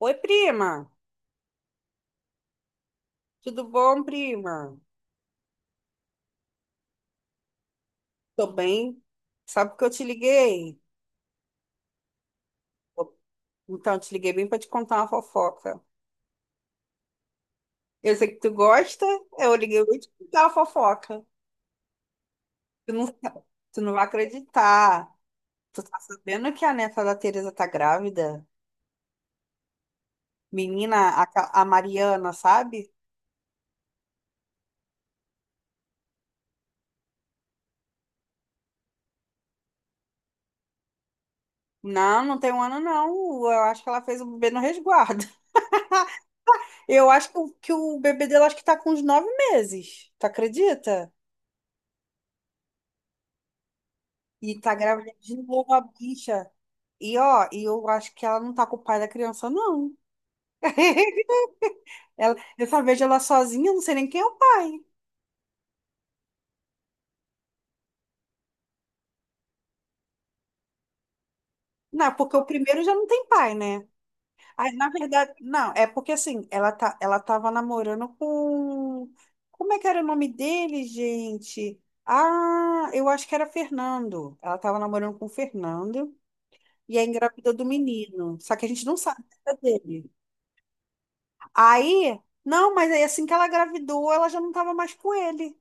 Oi, prima. Tudo bom, prima? Tô bem. Sabe que eu te liguei? Então, eu te liguei bem para te contar uma fofoca. Eu sei que tu gosta, eu liguei bem pra te contar uma fofoca. Tu não, sa- Tu não vai acreditar. Tu tá sabendo que a neta da Tereza tá grávida? Menina, a Mariana, sabe? Não, não tem um ano, não. Eu acho que ela fez o bebê no resguardo. Eu acho que o bebê dela acho que tá com uns 9 meses. Tu acredita? E tá grávida de novo a bicha. E ó, e eu acho que ela não tá com o pai da criança, não. Ela, eu só vejo ela sozinha, eu não sei nem quem é o pai. Não, porque o primeiro já não tem pai, né? Aí, na verdade, não, é porque assim, ela tava namorando com. Como é que era o nome dele, gente? Ah, eu acho que era Fernando. Ela tava namorando com o Fernando e aí engravidou do menino. Só que a gente não sabe a vida dele. Aí, não, mas aí assim que ela engravidou, ela já não tava mais com ele.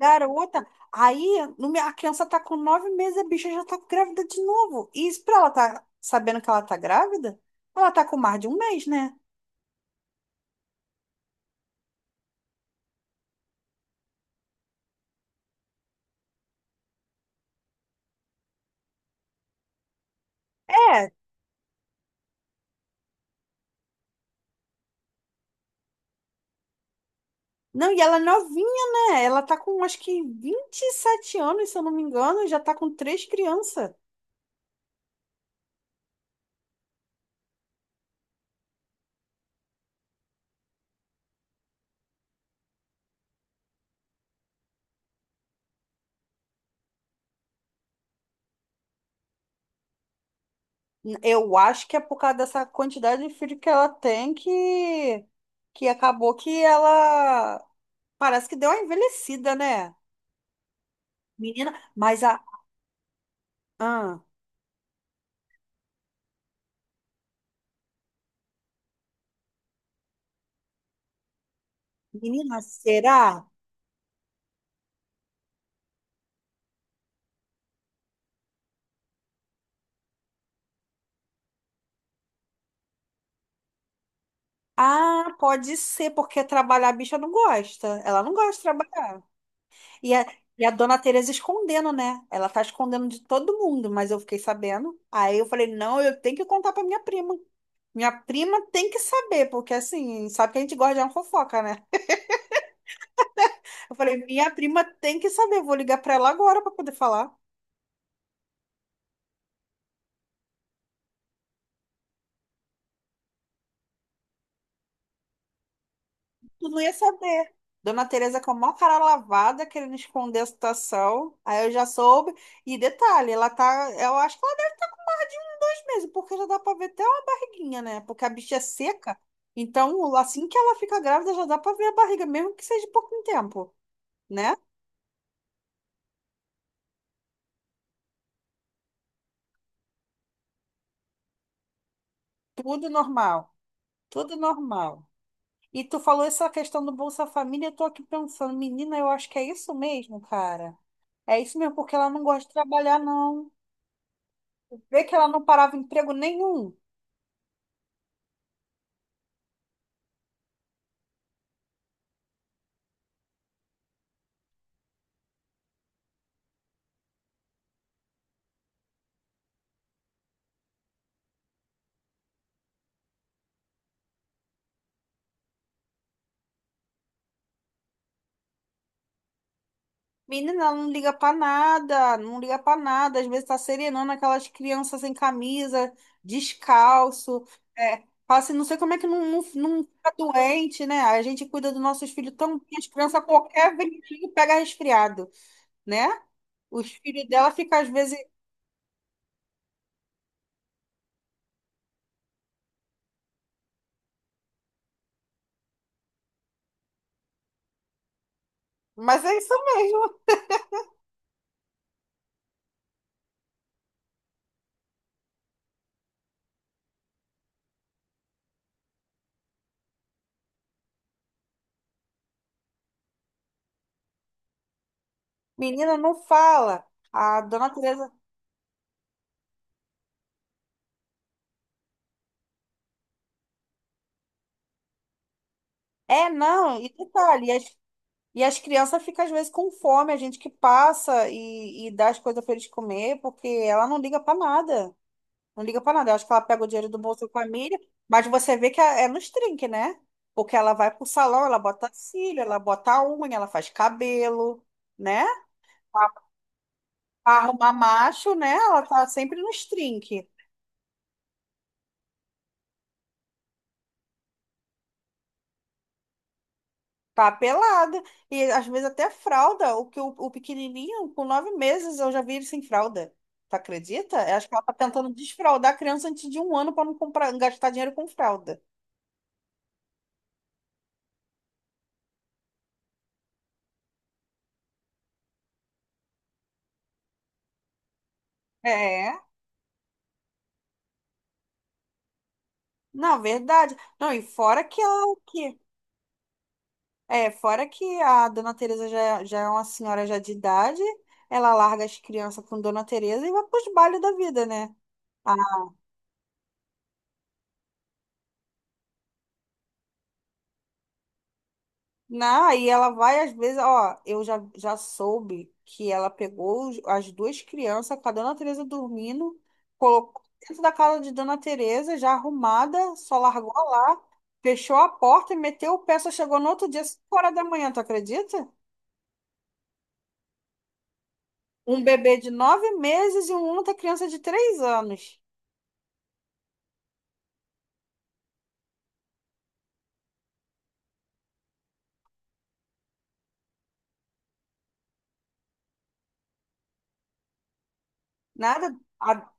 Garota, aí no me- a criança tá com 9 meses, a bicha já tá grávida de novo. E isso pra ela tá sabendo que ela tá grávida? Ela tá com mais de um mês, né? É. Não, e ela é novinha, né? Ela tá com acho que 27 anos, se eu não me engano, e já tá com 3 crianças. Eu acho que é por causa dessa quantidade de filho que ela tem que acabou que ela parece que deu uma envelhecida, né? Menina, mas a. Ah, menina, será? Ah, pode ser, porque trabalhar a bicha não gosta. Ela não gosta de trabalhar. E a, e a dona Tereza escondendo, né? Ela tá escondendo de todo mundo, mas eu fiquei sabendo. Aí eu falei, não, eu tenho que contar pra minha prima. Minha prima tem que saber, porque assim, sabe que a gente gosta de uma fofoca, né? Eu falei, minha prima tem que saber, vou ligar pra ela agora pra poder falar. Tu não ia saber. Dona Teresa com a maior cara lavada, querendo esconder a situação. Aí eu já soube. E detalhe, ela tá. Eu acho que ela dá de um, 2 meses, porque já dá pra ver até uma barriguinha, né? Porque a bicha é seca. Então, assim que ela fica grávida, já dá pra ver a barriga, mesmo que seja pouco tempo, né? Tudo normal. Tudo normal. E tu falou essa questão do Bolsa Família, eu tô aqui pensando, menina, eu acho que é isso mesmo, cara. É isso mesmo, porque ela não gosta de trabalhar, não. Vê que ela não parava emprego nenhum. Menina, ela não liga pra nada, não liga pra nada. Às vezes tá serenando aquelas crianças sem camisa, descalço. É, fala assim, não sei como é que não, não, não fica doente, né? A gente cuida dos nossos filhos tão bem, as crianças, qualquer ventinho pega resfriado, né? Os filhos dela ficam às vezes. Mas é isso mesmo. Menina, não fala. A dona Teresa. É, não, e detalhe, as E as crianças ficam, às vezes, com fome, a gente que passa e dá as coisas para eles comer, porque ela não liga para nada. Não liga para nada. Eu acho que ela pega o dinheiro do Bolsa Família, mas você vê que é nos trinques, né? Porque ela vai pro salão, ela bota cílio, ela bota unha, ela faz cabelo, né? Arruma macho, né? Ela tá sempre nos trinques. Papelada. E às vezes até fralda. O pequenininho, com 9 meses, eu já vi ele sem fralda. Tu acredita? Eu acho que ela tá tentando desfraldar a criança antes de um ano para não comprar, gastar dinheiro com fralda. É. Não, verdade. Não, e fora que ela que é, fora que a Dona Teresa já, já é uma senhora já de idade, ela larga as crianças com Dona Teresa e vai pros bailes da vida, né? Não, aí ela vai, às vezes, ó, eu já soube que ela pegou as duas crianças com a Dona Teresa dormindo, colocou dentro da casa de Dona Teresa, já arrumada, só largou lá, fechou a porta e meteu o pé, só chegou no outro dia, 5 horas da manhã, tu acredita? Um bebê de 9 meses e uma outra criança de 3 anos. Nada. A-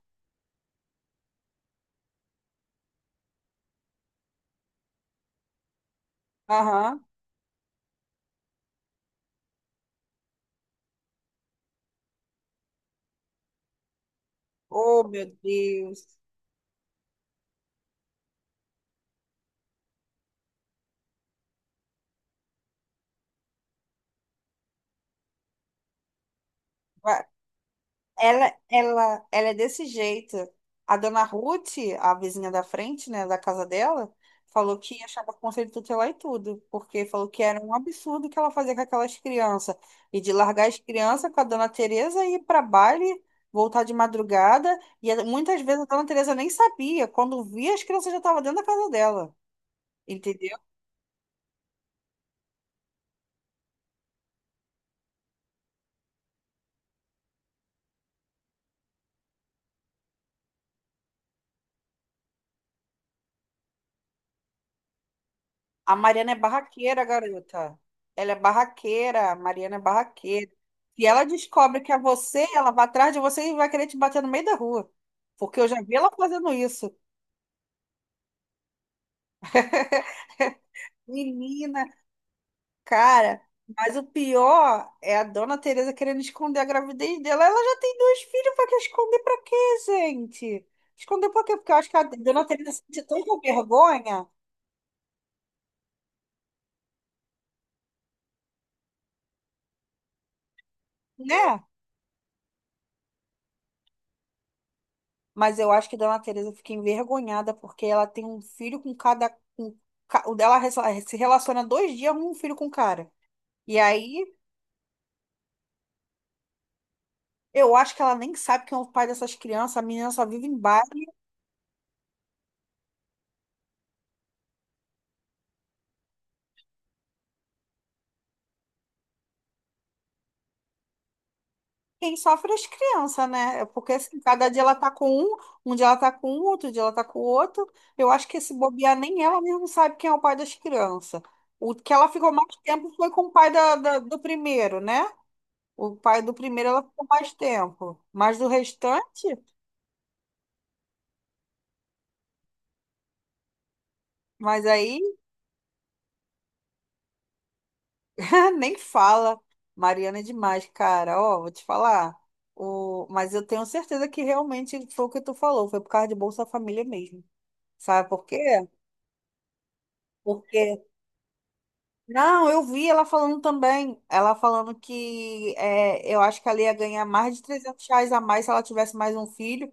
Aham. Oh, meu Deus. Ela é desse jeito. A dona Ruth, a vizinha da frente, né, da casa dela, falou que achava conselho tutelar e tudo, porque falou que era um absurdo o que ela fazia com aquelas crianças. E de largar as crianças com a dona Tereza e ir para baile, voltar de madrugada. Muitas vezes a dona Tereza nem sabia. Quando via, as crianças já estavam dentro da casa dela. Entendeu? A Mariana é barraqueira, garota. Ela é barraqueira, a Mariana é barraqueira. Se ela descobre que é você, ela vai atrás de você e vai querer te bater no meio da rua. Porque eu já vi ela fazendo isso. Menina, cara. Mas o pior é a dona Tereza querendo esconder a gravidez dela. Ela já tem dois filhos, pra que esconder pra quê, gente? Esconder por quê? Porque eu acho que a dona Tereza sente tanta vergonha, né? Mas eu acho que Dona Teresa fica envergonhada porque ela tem um filho com cada. Com, o dela se relaciona 2 dias com um filho com um cara. E aí eu acho que ela nem sabe quem é o pai dessas crianças. A menina só vive em bar. E quem sofre é as crianças, né? É Porque assim, cada dia ela tá com um, um dia ela tá com um, outro dia ela tá com o outro. Eu acho que esse bobear nem ela mesma sabe quem é o pai das crianças. O que ela ficou mais tempo foi com o pai do primeiro, né? O pai do primeiro ela ficou mais tempo. Mas do restante. Mas aí nem fala. Mariana é demais, cara. Ó, vou te falar. O... Mas eu tenho certeza que realmente foi o que tu falou, foi por causa de Bolsa Família mesmo. Sabe por quê? Porque. Não, eu vi ela falando também. Ela falando que é, eu acho que ela ia ganhar mais de R$ 300 a mais se ela tivesse mais um filho.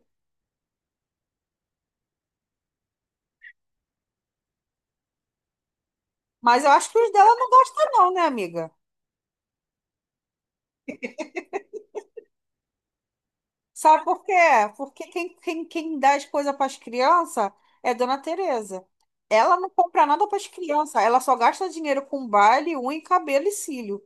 Mas eu acho que os dela não gostam, não, né, amiga? Sabe por quê? Porque quem dá as coisas para as crianças é Dona Tereza. Ela não compra nada para as crianças, ela só gasta dinheiro com baile, unha, cabelo e cílio.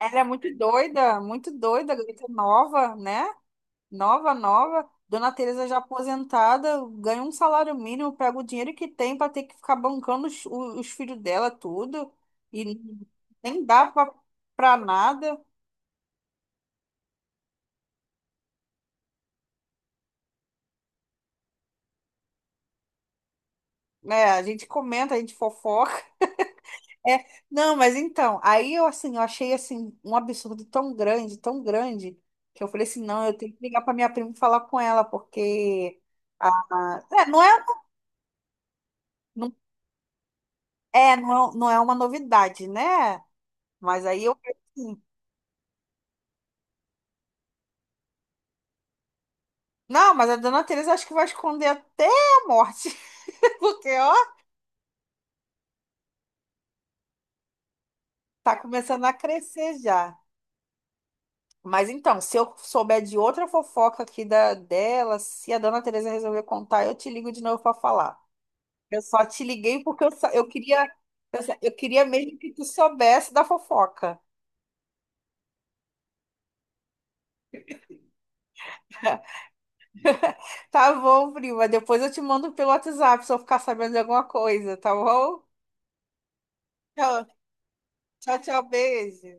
Ela é muito doida, garota nova, né? Nova, nova. Dona Tereza já aposentada, ganha um salário mínimo, pega o dinheiro que tem para ter que ficar bancando os, os filhos dela, tudo. E nem dá para nada. Né, a gente comenta, a gente fofoca. É, não, mas então, aí eu assim, eu achei assim um absurdo tão grande, que eu falei assim, não, eu tenho que ligar para minha prima e falar com ela, porque é, não é, não, é, não, não é uma novidade, né? Mas aí eu falei assim, não, mas a dona Teresa acho que vai esconder até a morte, porque ó, tá começando a crescer já. Mas então, se eu souber de outra fofoca aqui da dela, se a dona Teresa resolver contar, eu te ligo de novo para falar. Eu só te liguei porque eu queria mesmo que tu soubesse da fofoca. Tá bom, prima. Depois eu te mando pelo WhatsApp se eu ficar sabendo de alguma coisa, tá bom? Tchau, tchau, tchau, beijo.